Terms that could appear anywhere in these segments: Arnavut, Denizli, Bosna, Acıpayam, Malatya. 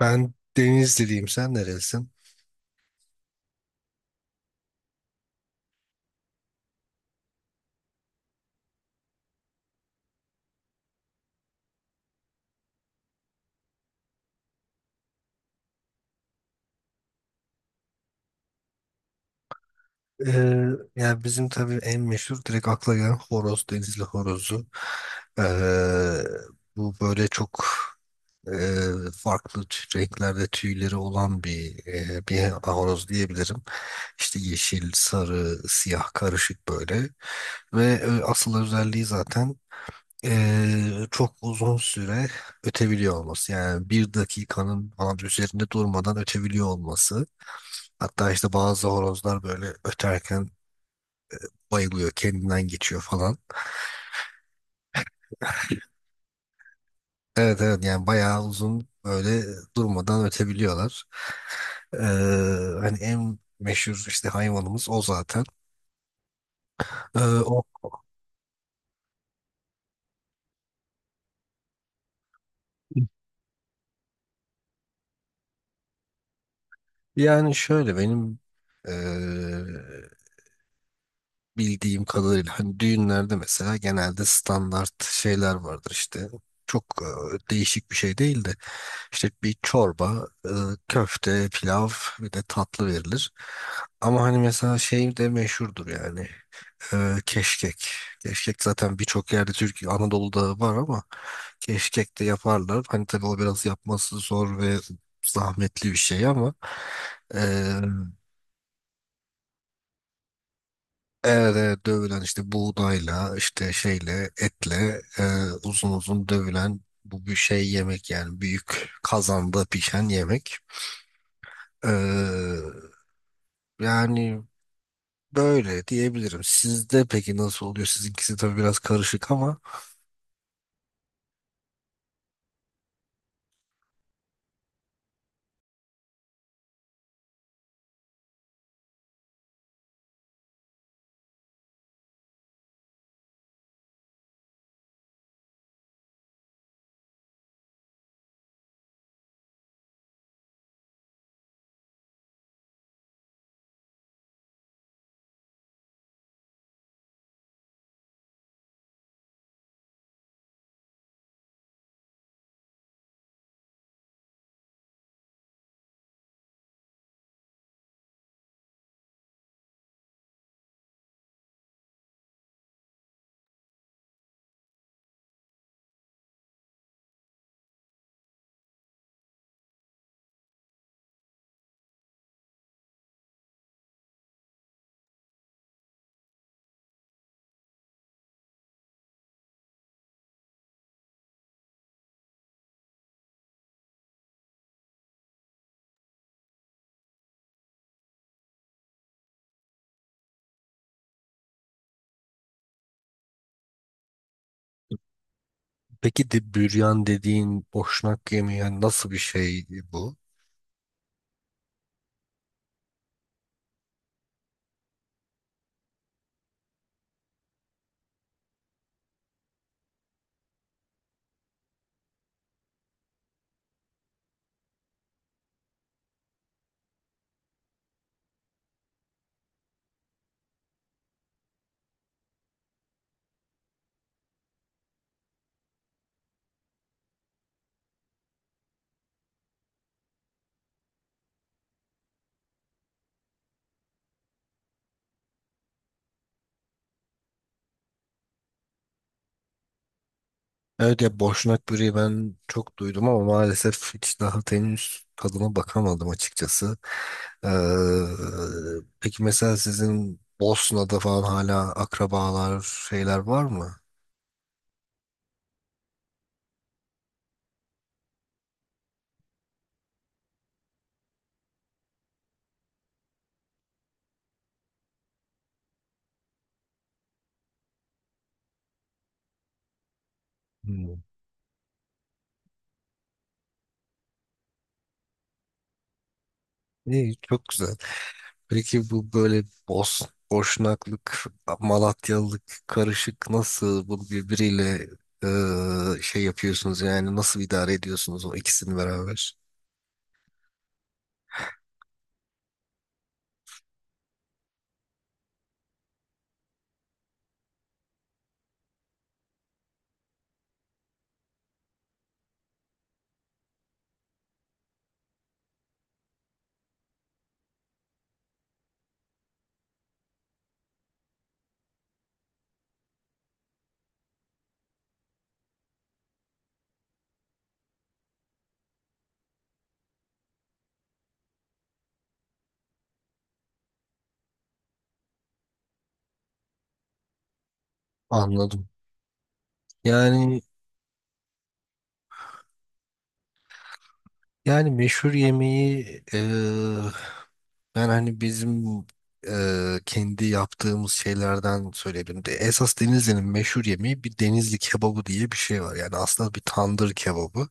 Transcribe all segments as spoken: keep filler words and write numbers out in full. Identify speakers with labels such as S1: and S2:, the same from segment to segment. S1: Ben Denizliliyim. Sen nerelisin? Ee, Yani bizim tabii en meşhur direkt akla gelen horoz. Denizli horozu. Ee, Bu böyle çok e, farklı tü- renklerde tüyleri olan bir e, bir horoz diyebilirim. İşte yeşil, sarı, siyah karışık böyle. Ve e, asıl özelliği zaten e, çok uzun süre ötebiliyor olması. Yani bir dakikanın falan üzerinde durmadan ötebiliyor olması. Hatta işte bazı horozlar böyle öterken bayılıyor, kendinden geçiyor falan. Evet evet, yani bayağı uzun böyle durmadan ötebiliyorlar. Ee, Hani en meşhur işte hayvanımız o zaten. Ee, o Yani şöyle benim ee, bildiğim kadarıyla hani düğünlerde mesela genelde standart şeyler vardır işte. Çok e, değişik bir şey değil de işte bir çorba, e, köfte, pilav, bir de tatlı verilir. Ama hani mesela şey de meşhurdur, yani e, keşkek. Keşkek zaten birçok yerde Türkiye, Anadolu'da var ama keşkek de yaparlar. Hani tabii o biraz yapması zor ve zahmetli bir şey ama e, evet, evet dövülen işte buğdayla işte şeyle etle e, uzun uzun dövülen bu bir şey yemek, yani büyük kazanda pişen yemek. E, Yani böyle diyebilirim. Sizde peki nasıl oluyor? Sizinkisi tabii biraz karışık ama peki de büryan dediğin boşnak yemeği yani nasıl bir şey bu? Evet, ya boşnak böreği ben çok duydum ama maalesef hiç daha henüz tadına bakamadım açıkçası. Ee, peki mesela sizin Bosna'da falan hala akrabalar şeyler var mı? Hmm. İyi, çok güzel. Peki bu böyle Bos Boşnaklık, Malatyalılık karışık nasıl bu birbiriyle e, şey yapıyorsunuz, yani nasıl idare ediyorsunuz o ikisini beraber? Anladım. Yani Yani meşhur yemeği, eee, ben hani bizim eee, kendi yaptığımız şeylerden söyleyebilirim. De, esas Denizli'nin meşhur yemeği bir Denizli kebabı diye bir şey var. Yani aslında bir tandır kebabı.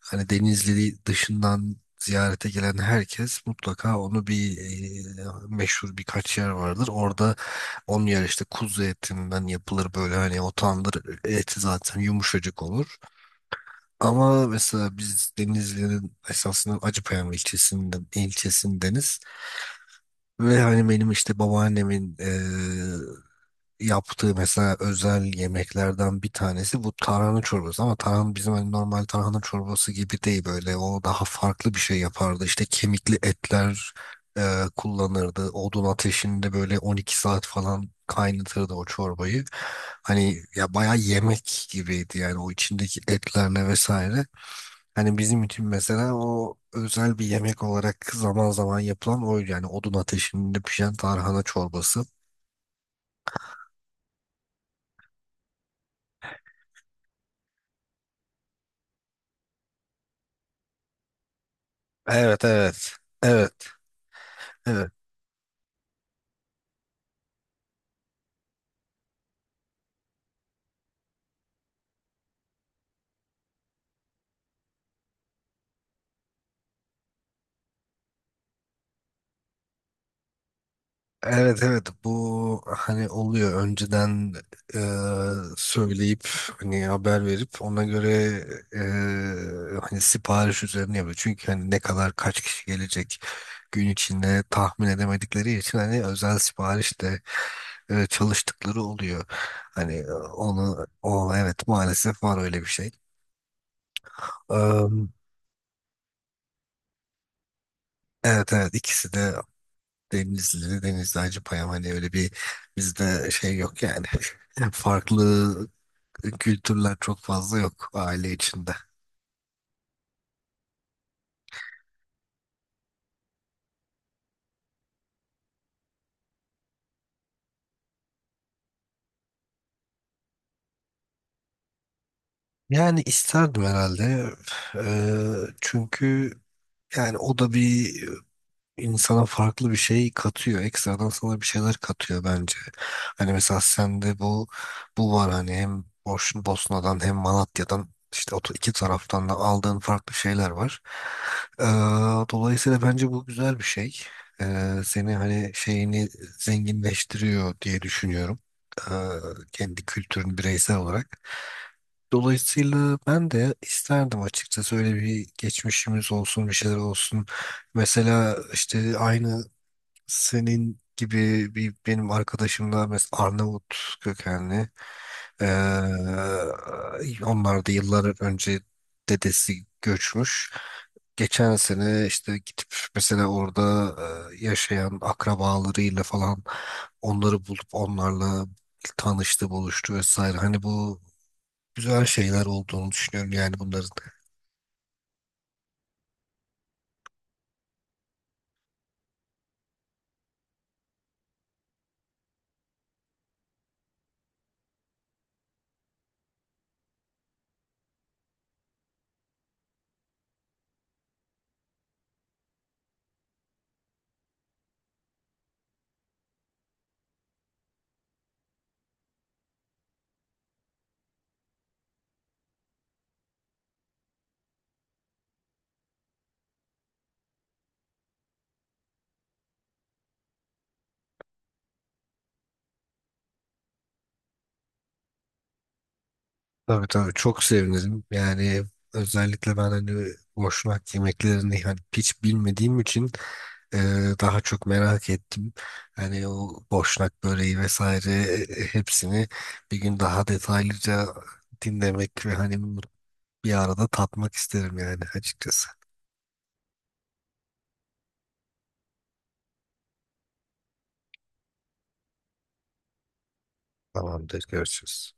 S1: Hani Denizli dışından ziyarete gelen herkes mutlaka onu bir eee, meşhur birkaç yer vardır. Orada onun yer işte kuzu etinden yapılır, böyle hani o tandır eti zaten yumuşacık olur. Ama mesela biz Denizli'nin esasında Acıpayam ilçesinden ilçesindeniz ve hani benim işte babaannemin eee, yaptığı mesela özel yemeklerden bir tanesi bu tarhana çorbası, ama tarhana bizim hani normal tarhana çorbası gibi değil, böyle o daha farklı bir şey yapardı. İşte kemikli etler eee, kullanırdı, odun ateşinde böyle on iki saat falan kaynatırdı o çorbayı. Hani ya bayağı yemek gibiydi yani, o içindeki etlerle vesaire. Hani bizim için mesela o özel bir yemek olarak zaman zaman yapılan oydu. Yani odun ateşinde pişen tarhana çorbası. Evet, evet. Evet evet. Evet evet, bu hani oluyor. Önceden e, söyleyip hani haber verip ona göre e, hani sipariş üzerine yapıyor. Çünkü hani ne kadar, kaç kişi gelecek gün içinde tahmin edemedikleri için hani özel sipariş de e, çalıştıkları oluyor. Hani e, onu o, evet, maalesef var öyle bir şey. Am, evet evet, ikisi de Denizli, Denizli Hacıpayam, hani öyle bir bizde şey yok yani. Farklı kültürler çok fazla yok aile içinde. Yani isterdim herhalde. Eee, çünkü yani o da bir insana farklı bir şey katıyor. Ekstradan sana bir şeyler katıyor bence. Hani mesela sende bu bu var, hani hem Boş, Bosna'dan hem Malatya'dan, işte o iki taraftan da aldığın farklı şeyler var. Ee, Dolayısıyla bence bu güzel bir şey. Ee, seni hani şeyini zenginleştiriyor diye düşünüyorum. Ee, Kendi kültürün bireysel olarak. Dolayısıyla ben de isterdim açıkçası, öyle bir geçmişimiz olsun, bir şeyler olsun. Mesela işte aynı senin gibi bir benim arkadaşım da mesela Arnavut kökenli. Ee, Onlar da yıllar önce dedesi göçmüş. Geçen sene işte gidip mesela orada e, yaşayan akrabalarıyla falan onları bulup onlarla tanıştı, buluştu vesaire. Hani bu güzel şeyler olduğunu düşünüyorum yani bunların. Tabii tabii, çok sevinirim. Yani özellikle ben hani boşnak yemeklerini hani hiç bilmediğim için e, daha çok merak ettim. Hani o boşnak böreği vesaire, e, e, hepsini bir gün daha detaylıca dinlemek ve hani bir arada tatmak isterim yani açıkçası. Tamamdır, görüşürüz.